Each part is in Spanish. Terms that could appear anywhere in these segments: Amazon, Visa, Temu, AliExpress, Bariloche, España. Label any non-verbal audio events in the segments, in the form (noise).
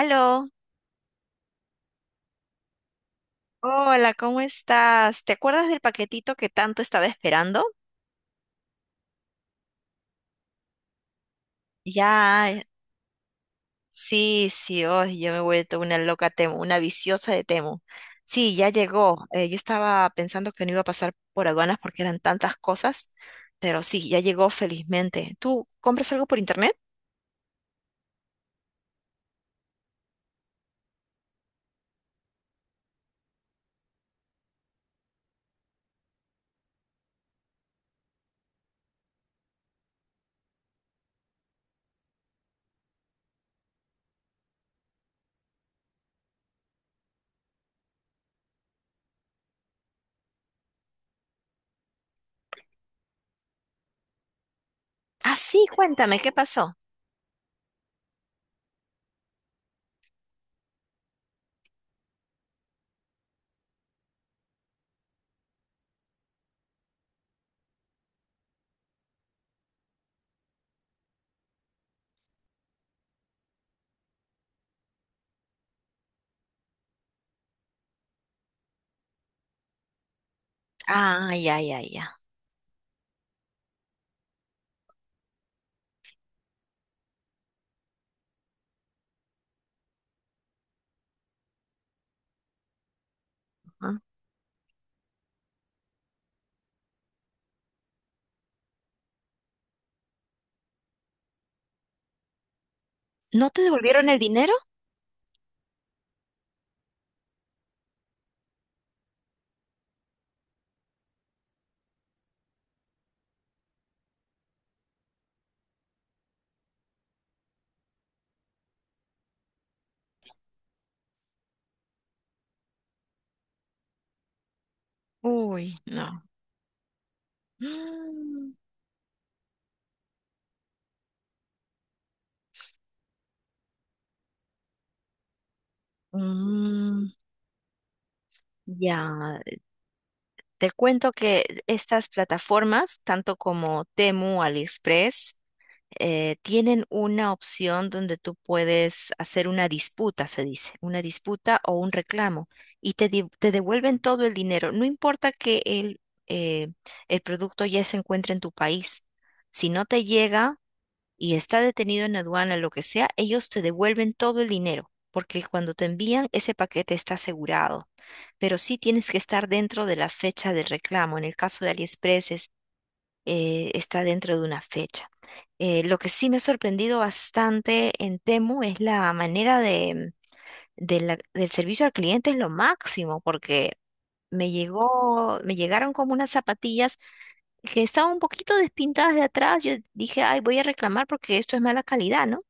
Aló, hola, ¿cómo estás? ¿Te acuerdas del paquetito que tanto estaba esperando? Ya, sí, sí, oh, yo me he vuelto una loca Temu, una viciosa de Temu. Sí, ya llegó. Yo estaba pensando que no iba a pasar por aduanas porque eran tantas cosas, pero sí, ya llegó felizmente. ¿Tú compras algo por internet? Ah, sí, cuéntame, ¿qué pasó? Ah, ya, ya, ya. Ah, ¿no te devolvieron el dinero? Uy, no. Mm, mm, ya, te cuento que estas plataformas, tanto como Temu, AliExpress, tienen una opción donde tú puedes hacer una disputa, se dice, una disputa o un reclamo, y te devuelven todo el dinero. No importa que eh, el producto ya se encuentre en tu país. Si no te llega, y está detenido en aduana, lo que sea, ellos te devuelven todo el dinero, porque cuando te envían ese paquete está asegurado, pero sí tienes que estar dentro de la fecha del reclamo. En el caso de AliExpress es, está dentro de una fecha. Lo que sí me ha sorprendido bastante en Temu es la manera de, del servicio al cliente es lo máximo, porque me llegó, me llegaron como unas zapatillas que estaban un poquito despintadas de atrás. Yo dije, ay, voy a reclamar porque esto es mala calidad, ¿no?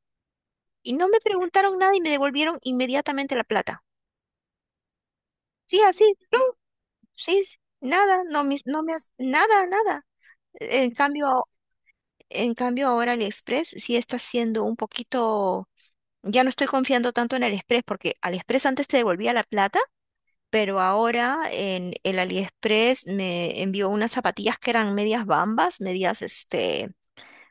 Y no me preguntaron nada y me devolvieron inmediatamente la plata. Sí, así, plum, sí, sí, nada, no, no me has, nada, nada. En cambio, en cambio, ahora AliExpress sí está siendo un poquito, ya no estoy confiando tanto en AliExpress porque AliExpress antes te devolvía la plata, pero ahora en el AliExpress me envió unas zapatillas que eran medias bambas, medias este,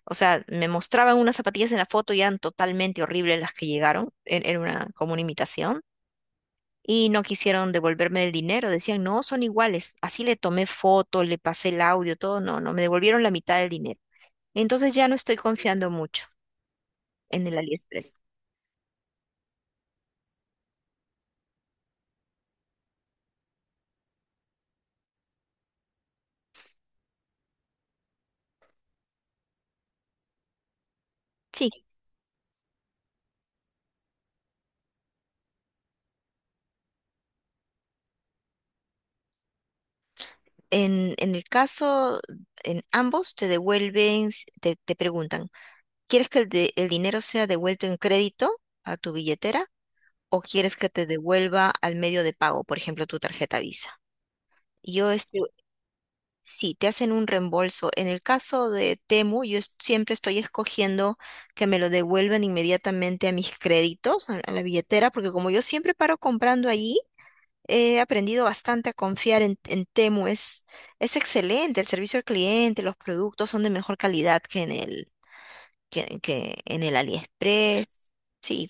o sea, me mostraban unas zapatillas en la foto y eran totalmente horribles las que llegaron, era una, como una imitación. Y no quisieron devolverme el dinero, decían, no, son iguales. Así le tomé foto, le pasé el audio, todo, no, no, me devolvieron la mitad del dinero. Entonces ya no estoy confiando mucho en el AliExpress. Sí, en el caso, en ambos te devuelven, te preguntan, ¿quieres que el dinero sea devuelto en crédito a tu billetera o quieres que te devuelva al medio de pago, por ejemplo, tu tarjeta Visa? Yo este, sí, te hacen un reembolso. En el caso de Temu, siempre estoy escogiendo que me lo devuelvan inmediatamente a mis créditos, a la billetera, porque como yo siempre paro comprando allí, he aprendido bastante a confiar en Temu. Es excelente, el servicio al cliente, los productos son de mejor calidad que en el, que en el AliExpress. Sí.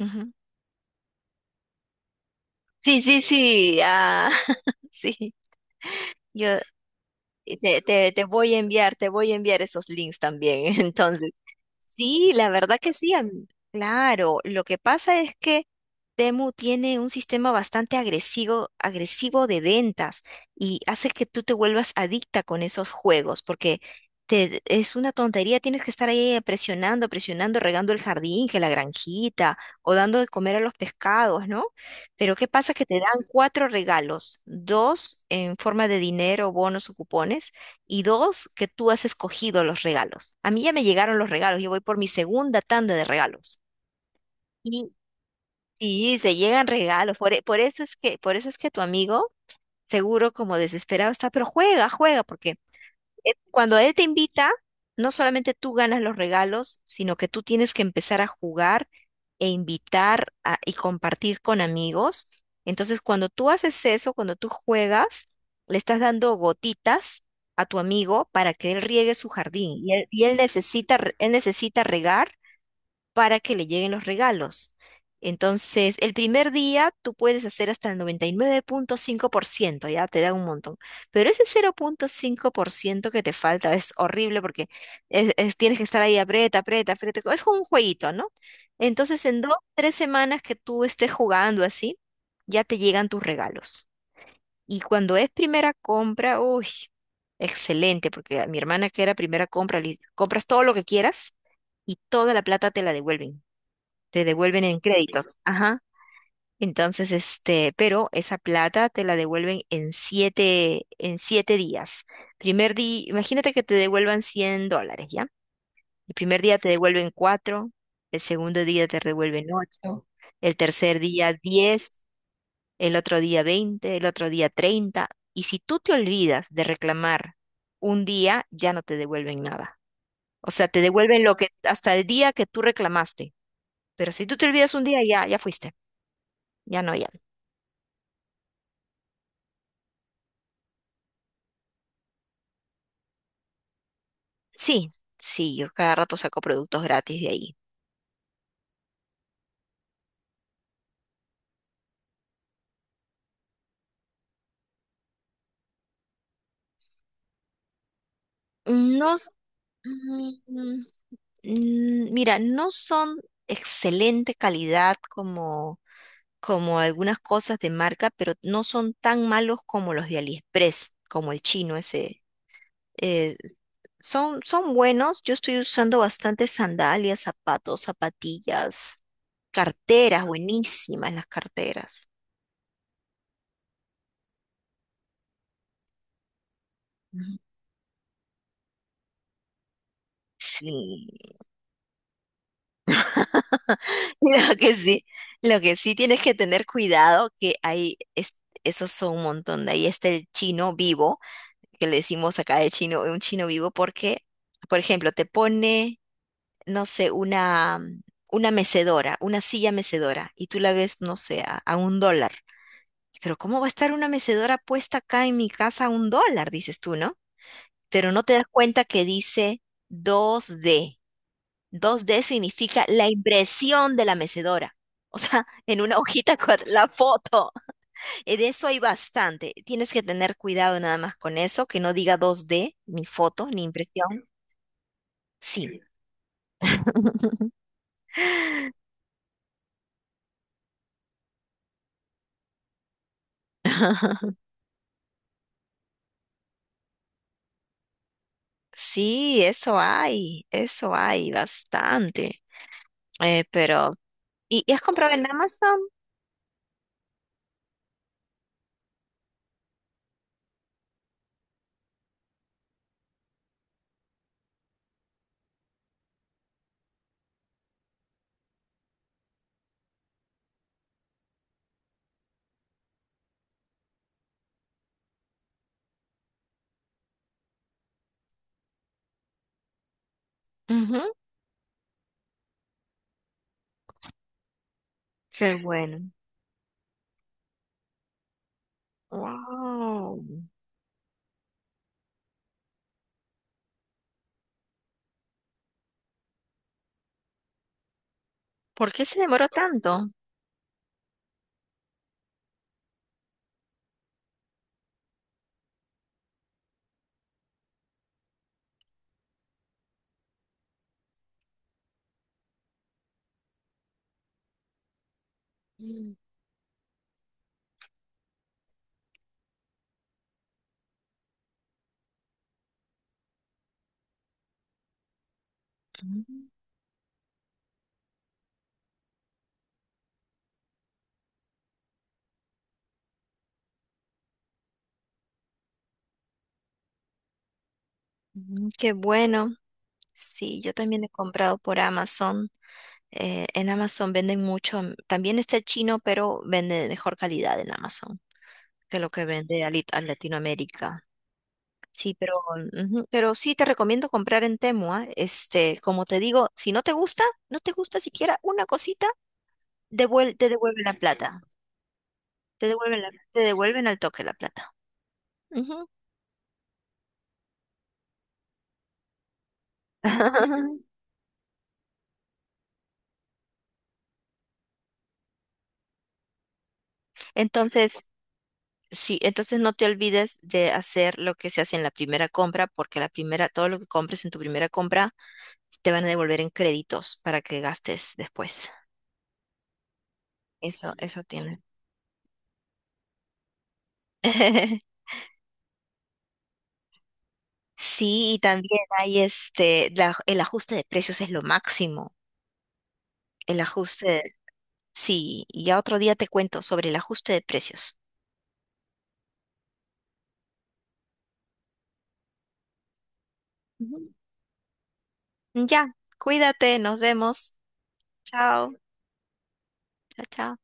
Ujú. Sí, sí, sí. Ah, (laughs) sí. Yo, Y te voy a enviar, te voy a enviar esos links también. (laughs) Entonces, sí, la verdad que sí. Claro, lo que pasa es que Temu tiene un sistema bastante agresivo, agresivo de ventas y hace que tú te vuelvas adicta con esos juegos, porque es una tontería, tienes que estar ahí presionando, presionando, regando el jardín, que la granjita, o dando de comer a los pescados, ¿no? Pero ¿qué pasa? Que te dan cuatro regalos, dos en forma de dinero, bonos o cupones y dos, que tú has escogido los regalos. A mí ya me llegaron los regalos, yo voy por mi segunda tanda de regalos. Y sí, se llegan regalos, por eso es que, por eso es que tu amigo, seguro como desesperado está, pero juega, juega, porque cuando él te invita, no solamente tú ganas los regalos, sino que tú tienes que empezar a jugar e invitar a- y compartir con amigos. Entonces, cuando tú haces eso, cuando tú juegas, le estás dando gotitas a tu amigo para que él riegue su jardín y él necesita, él necesita regar para que le lleguen los regalos. Entonces, el primer día tú puedes hacer hasta el noventa y nueve punto cinco por ciento, ya te da un montón. Pero ese cero punto cinco por ciento que te falta es horrible porque tienes que estar ahí aprieta, aprieta, aprieta. Es como un jueguito, ¿no? Entonces, en dos, tres semanas que tú estés jugando así, ya te llegan tus regalos. Y cuando es primera compra, uy, excelente, porque a mi hermana que era primera compra, le dice, compras todo lo que quieras y toda la plata te la devuelven te devuelven en créditos. Ajá. Entonces, este, pero esa plata te la devuelven en siete días. Primer día, imagínate que te devuelvan 100 dólares, ¿ya? El primer día te devuelven cuatro, el segundo día te devuelven ocho, el tercer día 10, el otro día 20, el otro día 30. Y si tú te olvidas de reclamar un día, ya no te devuelven nada. O sea, te devuelven lo que hasta el día que tú reclamaste. Pero si tú te olvidas un día, ya, ya fuiste. Ya no, ya. Sí, sí, yo cada rato saco productos gratis de ahí. No, mm, mm, mira, no son excelente calidad como, como algunas cosas de marca, pero no son tan malos como los de AliExpress, como el chino ese. Eh, son, son buenos. Yo estoy usando bastante sandalias, zapatos, zapatillas, carteras, buenísimas las carteras. Ujú. Sí, lo que sí, lo que sí tienes que tener cuidado, que hay, esos son un montón. De ahí está el chino vivo, que le decimos acá el chino, un chino vivo, porque, por ejemplo, te pone, no sé, una mecedora, una silla mecedora, y tú la ves, no sé, a un dólar. Pero ¿cómo va a estar una mecedora puesta acá en mi casa a un dólar? Dices tú, ¿no? Pero no te das cuenta que dice 2D. 2D significa la impresión de la mecedora. O sea, (laughs) en una hojita con la foto. De eso hay bastante. Tienes que tener cuidado nada más con eso, que no diga 2D, ni foto, ni impresión. Sí. Sí, (laughs) eso hay bastante. Pero, y has comprado en Amazon? Ujú. Qué bueno. Wow. ¿Por qué se demoró tanto? Mm, mm, qué bueno. Sí, yo también he comprado por Amazon. En Amazon venden mucho. Mm, también está el chino, pero vende de mejor calidad en Amazon que lo que vende a, a Latinoamérica. Sí, pero, ujú, pero sí te recomiendo comprar en Temu, ¿ah? Este, como te digo, si no te gusta, no te gusta siquiera una cosita, te devuelven la plata. Te devuelven te devuelven al toque la plata. Ujú. (laughs) Entonces, sí, entonces no te olvides de hacer lo que se hace en la primera compra, porque la primera, todo lo que compres en tu primera compra te van a devolver en créditos para que gastes después. Eso tiene. (laughs) Sí, y también hay este, el ajuste de precios es lo máximo. El ajuste, sí, ya otro día te cuento sobre el ajuste de precios. Ujú. Ya, cuídate, nos vemos. Chao, chao, chao.